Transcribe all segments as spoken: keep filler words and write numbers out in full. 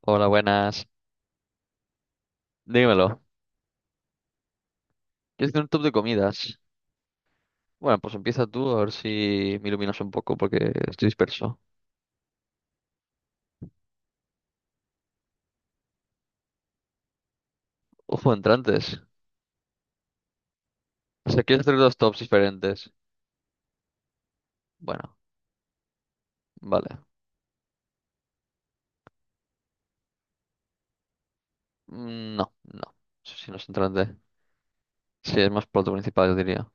Hola, buenas. Dímelo. ¿Quieres hacer un top de comidas? Bueno, pues empieza tú a ver si me iluminas un poco porque estoy disperso. Ojo, entrantes. O sea, ¿quieres hacer dos tops diferentes? Bueno, vale. Mm, no, no. Eso sí no es entrante. Sí, es más plato principal, yo diría.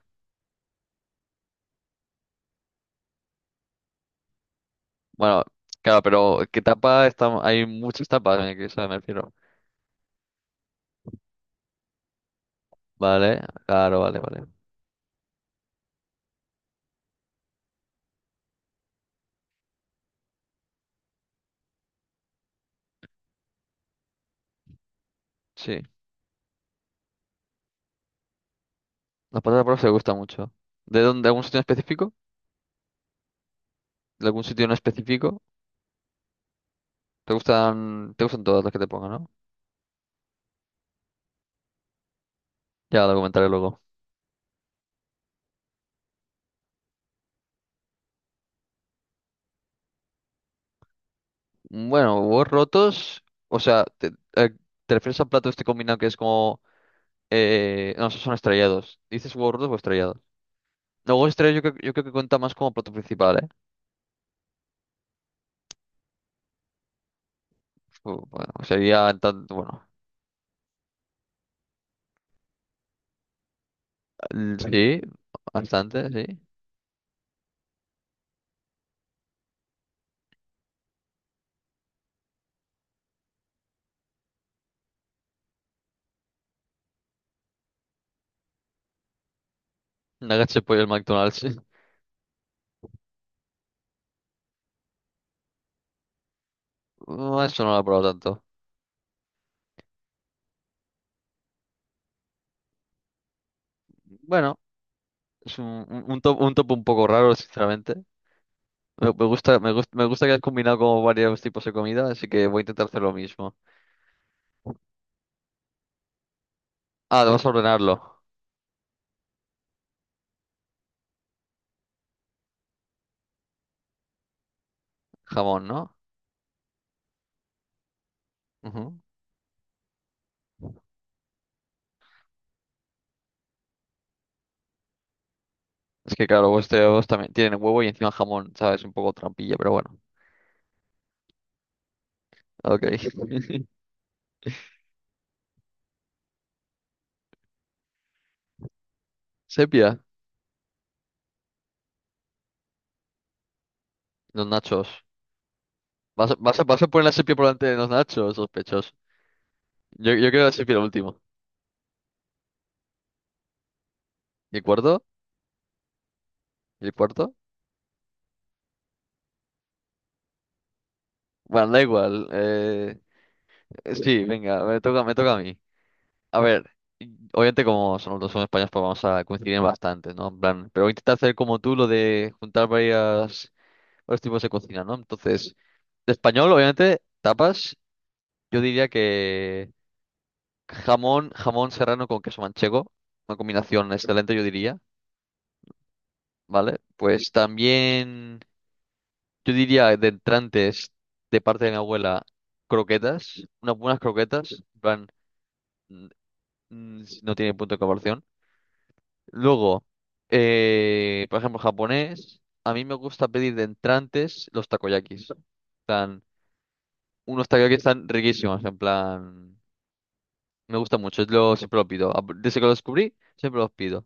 Bueno, claro, pero ¿qué tapa? Está... Hay muchas tapas, en el que eso me refiero. Vale, claro, vale, vale. Sí. Las patatas bravas te gustan mucho. ¿De dónde? ¿De algún sitio en específico? ¿De algún sitio en específico? ¿Te gustan, te gustan todas las que te pongan, no? Ya lo comentaré luego. Bueno, huevos rotos, o sea, te, eh, te refieres al plato este combinado que es como... Eh, no, esos son estrellados. ¿Dices huevos rotos o estrellados? No, huevos estrellados yo, creo yo creo que cuenta más como plato principal, ¿eh? Fu- Bueno, sería... en tan- Bueno, el- sí, bastante, sí. Nuggets de pollo del McDonald's, sí. Mm, eso no lo he probado tanto. Bueno, es un, un- un top, un top un poco raro, sinceramente. Me, me gusta, me gusta, me gusta que has combinado como varios tipos de comida, así que voy a intentar hacer lo mismo. Ah, vamos a ordenarlo. Jamón, ¿no? Ujú. Es que claro, vuestros también tienen huevo y encima jamón, ¿sabes? Un poco trampilla, pero bueno. Ok. Sepia, los nachos. ¿Vas a, vas a, vas a poner la sepia por delante de los nachos, sospechosos? Yo, yo creo que la sepia el último. ¿Y el cuarto? ¿Y el cuarto? Bueno, da igual. Eh, sí, venga, me toca, me toca a mí. A ver, y- obviamente como son, los dos son españoles, pues vamos a coincidir en bastante, ¿no? En plan, pero voy a intentar hacer como tú lo de juntar varias, varios tipos de cocina, ¿no? Entonces, de español, obviamente, tapas. Yo diría que jamón, jamón serrano con queso manchego, una combinación excelente, yo diría, ¿vale? Pues también, yo diría de entrantes de parte de mi abuela, croquetas, unas buenas croquetas, en plan, mm, mm, no tiene punto de comparación. Luego, eh, por ejemplo, japonés, a mí me gusta pedir de entrantes los takoyakis. En plan, unos takoyakis están riquísimos, en plan, me gusta mucho, es lo, siempre lo pido. Ap- Desde que lo descubrí, siempre los pido.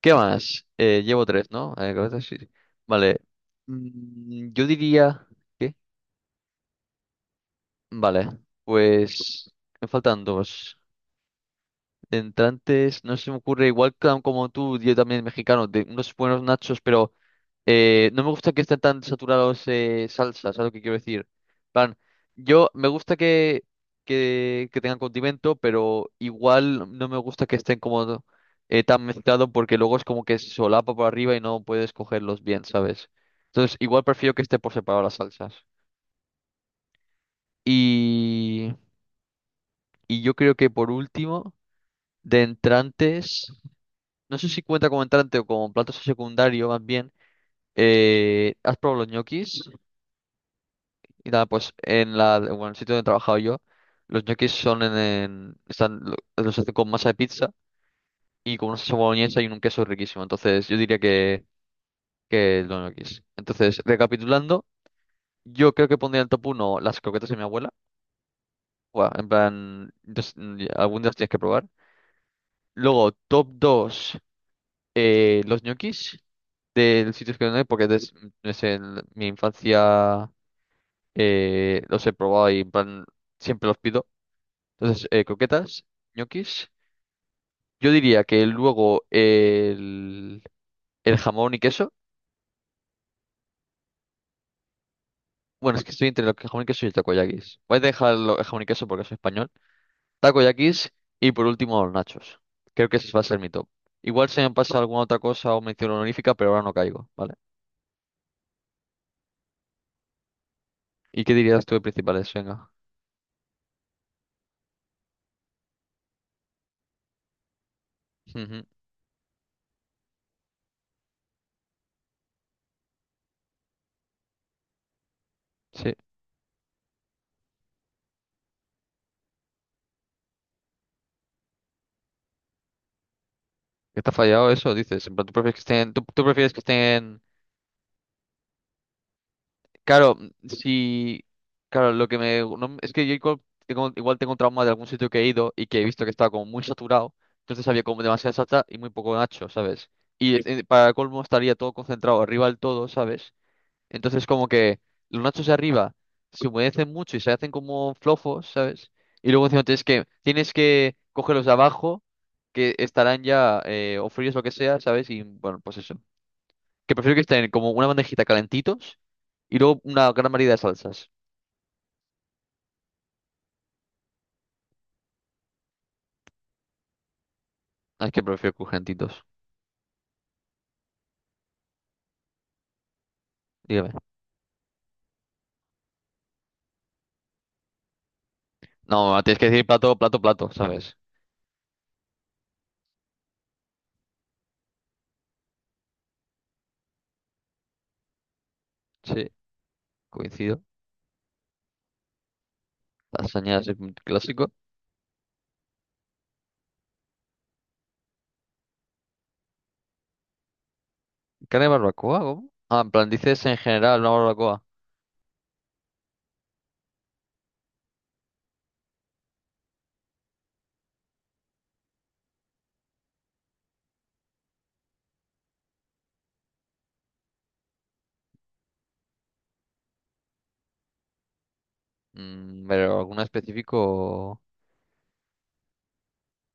¿Qué más? Eh, llevo tres, ¿no? Eh, correcto, sí, sí. Vale. Mm, yo diría... ¿Qué? Vale. Pues... Me faltan dos. De entrantes, no se me ocurre, igual ca- como tú, yo también mexicano, de unos buenos nachos, pero eh, no me gusta que estén tan saturados eh, salsas, ¿sabes lo que quiero decir? Plan, yo me gusta que, que, que tengan condimento, pero igual no me gusta que estén como eh, tan mezclados porque luego es como que se solapa por arriba y no puedes cogerlos bien, ¿sabes? Entonces, igual prefiero que esté por separado las salsas. Y, y yo creo que por último, de entrantes. No sé si cuenta como entrante o como plato secundario, más bien. Eh, ¿has probado los ñoquis? Y nada, pues en la, bueno, en el sitio donde he trabajado yo, los ñoquis son en, en- están, lo- los hacen con masa de pizza y con una salsa boloñesa y un queso riquísimo. Entonces, yo diría que, que los ñoquis. Entonces, recapitulando, yo creo que pondría en top uno las croquetas de mi abuela. Buah, en plan, entonces, mm, algún día las tienes que probar. Luego, top dos eh, los ñoquis. Del sitio que no hay porque des- es en mi infancia eh, los he probado y en plan siempre los pido. Entonces, eh, croquetas, ñoquis. Yo diría que luego el, el jamón y queso. Bueno, es que estoy entre el jamón y queso y el takoyakis. Voy a dejar lo- el jamón y queso porque soy español. Takoyakis y por último los nachos. Creo que ese va a ser mi top. Igual se me pasa alguna otra cosa o mención honorífica, pero ahora no caigo, ¿vale? ¿Y qué dirías tú de principales? Venga. Ujú, sí. Que está fallado eso, dices. En plan, tú prefieres que estén, tú, tú prefieres que estén. Claro, si. Claro, lo que me. No- es que yo igual tengo, igual tengo un trauma de algún sitio que he ido y que he visto que estaba como muy saturado. Entonces había como demasiada salsa y muy poco nacho, ¿sabes? Y es- eh, para colmo estaría todo concentrado arriba del todo, ¿sabes? Entonces como que los nachos de arriba se humedecen mucho y se hacen como flojos, ¿sabes? Y luego encima tienes que, tienes que coger los de abajo que estarán ya eh, o fríos o lo que sea, ¿sabes? Y bueno, pues eso. Que prefiero que estén como una bandejita calentitos y luego una gran variedad de salsas. Ah, es que prefiero crujientitos. Dígame. No, tienes que decir plato, plato, plato, ¿sabes? Sí, coincido. Lasaña es un clásico. ¿Carne de barbacoa? ¿Cómo? Ah, en plan, dices en general una barbacoa. Mm, pero alguna específico.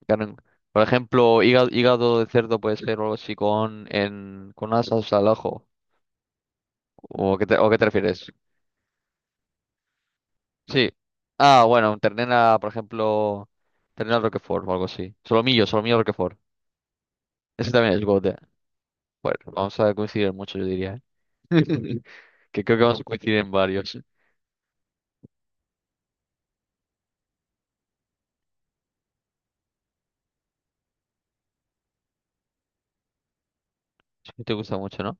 Carne- por ejemplo, hígado, hígado de cerdo puede ser o algo así con, en, con una salsa al ajo. ¿O qué te, o qué te refieres? Sí. Ah, bueno, un ternera, por ejemplo, ternera Roquefort o algo así. Solomillo, solomillo Roquefort. Ese también es GOAT, eh. Bueno, vamos a coincidir en mucho, yo diría. ¿Eh? Que creo que vamos a coincidir en varios. Sí. Te gusta mucho, ¿no?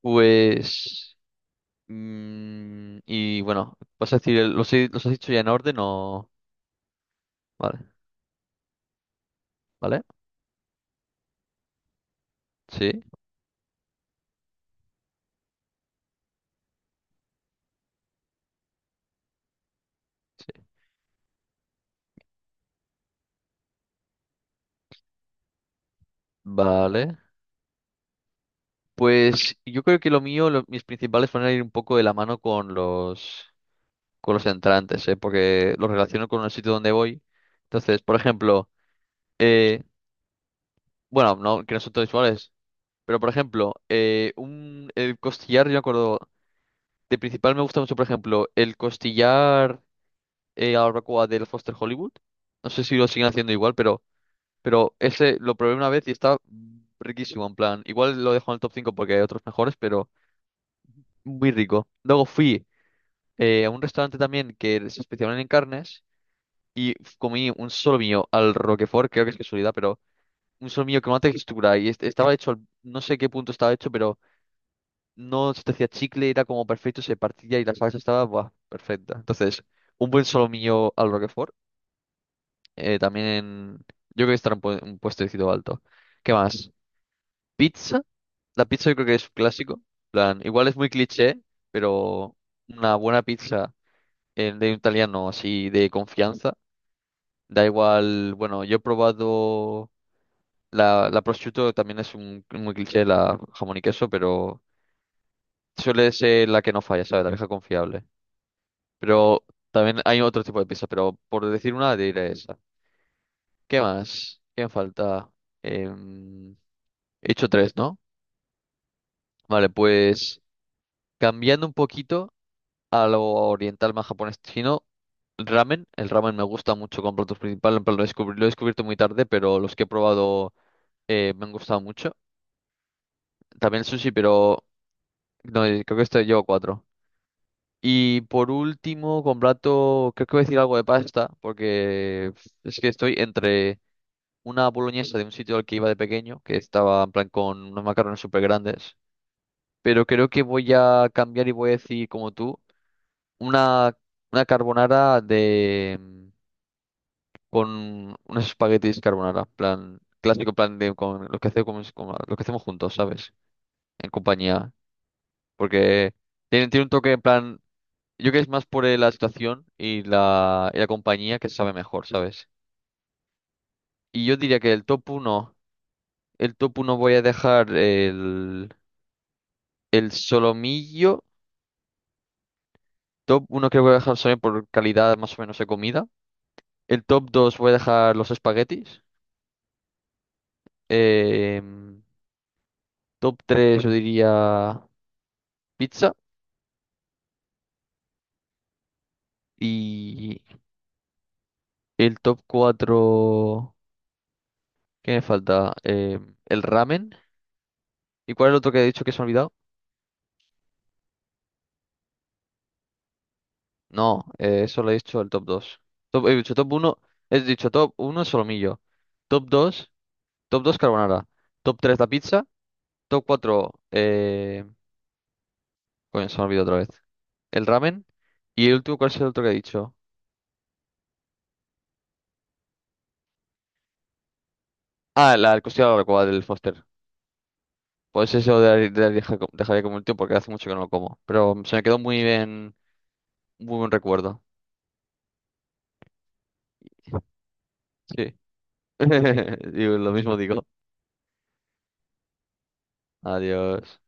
Pues... mm, y bueno, vas a decir, el- ¿los, he- los has dicho ya en orden o...? Vale, ¿vale? Sí, sí. Vale. Pues yo creo que lo mío, lo- mis principales van a ir un poco de la mano con los... con los entrantes, ¿eh? Porque los relaciono con el sitio donde voy. Entonces, por ejemplo, eh, bueno, no, que no son todos iguales, pero por ejemplo, eh, un, el costillar, yo me acuerdo, de principal me gusta mucho, por ejemplo, el costillar eh, a la barbacoa del Foster Hollywood. No sé si lo siguen haciendo igual, pero, pero ese lo probé una vez y está riquísimo, en plan. Igual lo dejo en el top cinco porque hay otros mejores, pero muy rico. Luego fui eh, a un restaurante también que se especializa en carnes y comí un solomillo al Roquefort, creo que es casualidad, pero un solomillo con una textura y este- estaba hecho, al- no sé qué punto estaba hecho, pero no se te hacía chicle, era como perfecto, se partía y la salsa estaba buah, perfecta. Entonces, un buen solomillo al Roquefort, eh, también yo creo que estará un, pu- un puestecito alto. ¿Qué más? Pizza, la pizza yo creo que es un clásico, plan, igual es muy cliché, pero una buena pizza eh, de un italiano así de confianza. Da igual, bueno, yo he probado La, la prosciutto también es un, un cliché de la jamón y queso, pero suele ser la que no falla, ¿sabes? La vieja confiable. Pero también hay otro tipo de pizza, pero por decir una, diré esa. ¿Qué más? ¿Qué me falta? Em, he hecho tres, ¿no? Vale, pues cambiando un poquito a lo oriental más japonés chino, ramen. El ramen me gusta mucho con platos principales, en plan, lo descubrí- lo he descubierto muy tarde, pero los que he probado eh, me han gustado mucho. También el sushi, pero no, creo que este llevo cuatro. Y por último, con plato, creo que voy a decir algo de pasta, porque es que estoy entre una boloñesa de un sitio al que iba de pequeño, que estaba en plan con unos macarrones súper grandes, pero creo que voy a cambiar y voy a decir, como tú, una, una carbonara de mm, con unos espaguetis carbonara, plan clásico, plan de con lo que hacemos, como- lo que hacemos juntos, ¿sabes? En compañía, porque tiene, tiene un toque en plan yo creo que es más por eh, la situación y la, y la compañía que sabe mejor, ¿sabes? Y yo diría que el top uno el top uno voy a dejar el, el solomillo. Top uno creo que voy a dejar solomillo por calidad más o menos de comida. El top dos voy a dejar los espaguetis. Em, top tres yo diría pizza. Y el top cuatro ¿qué me falta? Em, el ramen. ¿Y cuál es el otro que he dicho que se me ha olvidado? No, eh, eso lo he dicho el top dos. Top, he dicho top uno, he dicho top uno solomillo. Top dos, top dos carbonara. Top tres la pizza. Top cuatro, eh... coño, se me olvidó otra vez. El ramen. Y el último, ¿cuál es el otro que he dicho? Ah, la el costilla de la barbacoa del Foster. Pues eso de, de- deja- dejaría como último porque hace mucho que no lo como. Pero se me quedó muy bien, muy buen recuerdo. Sí. Digo, lo mismo digo. Adiós.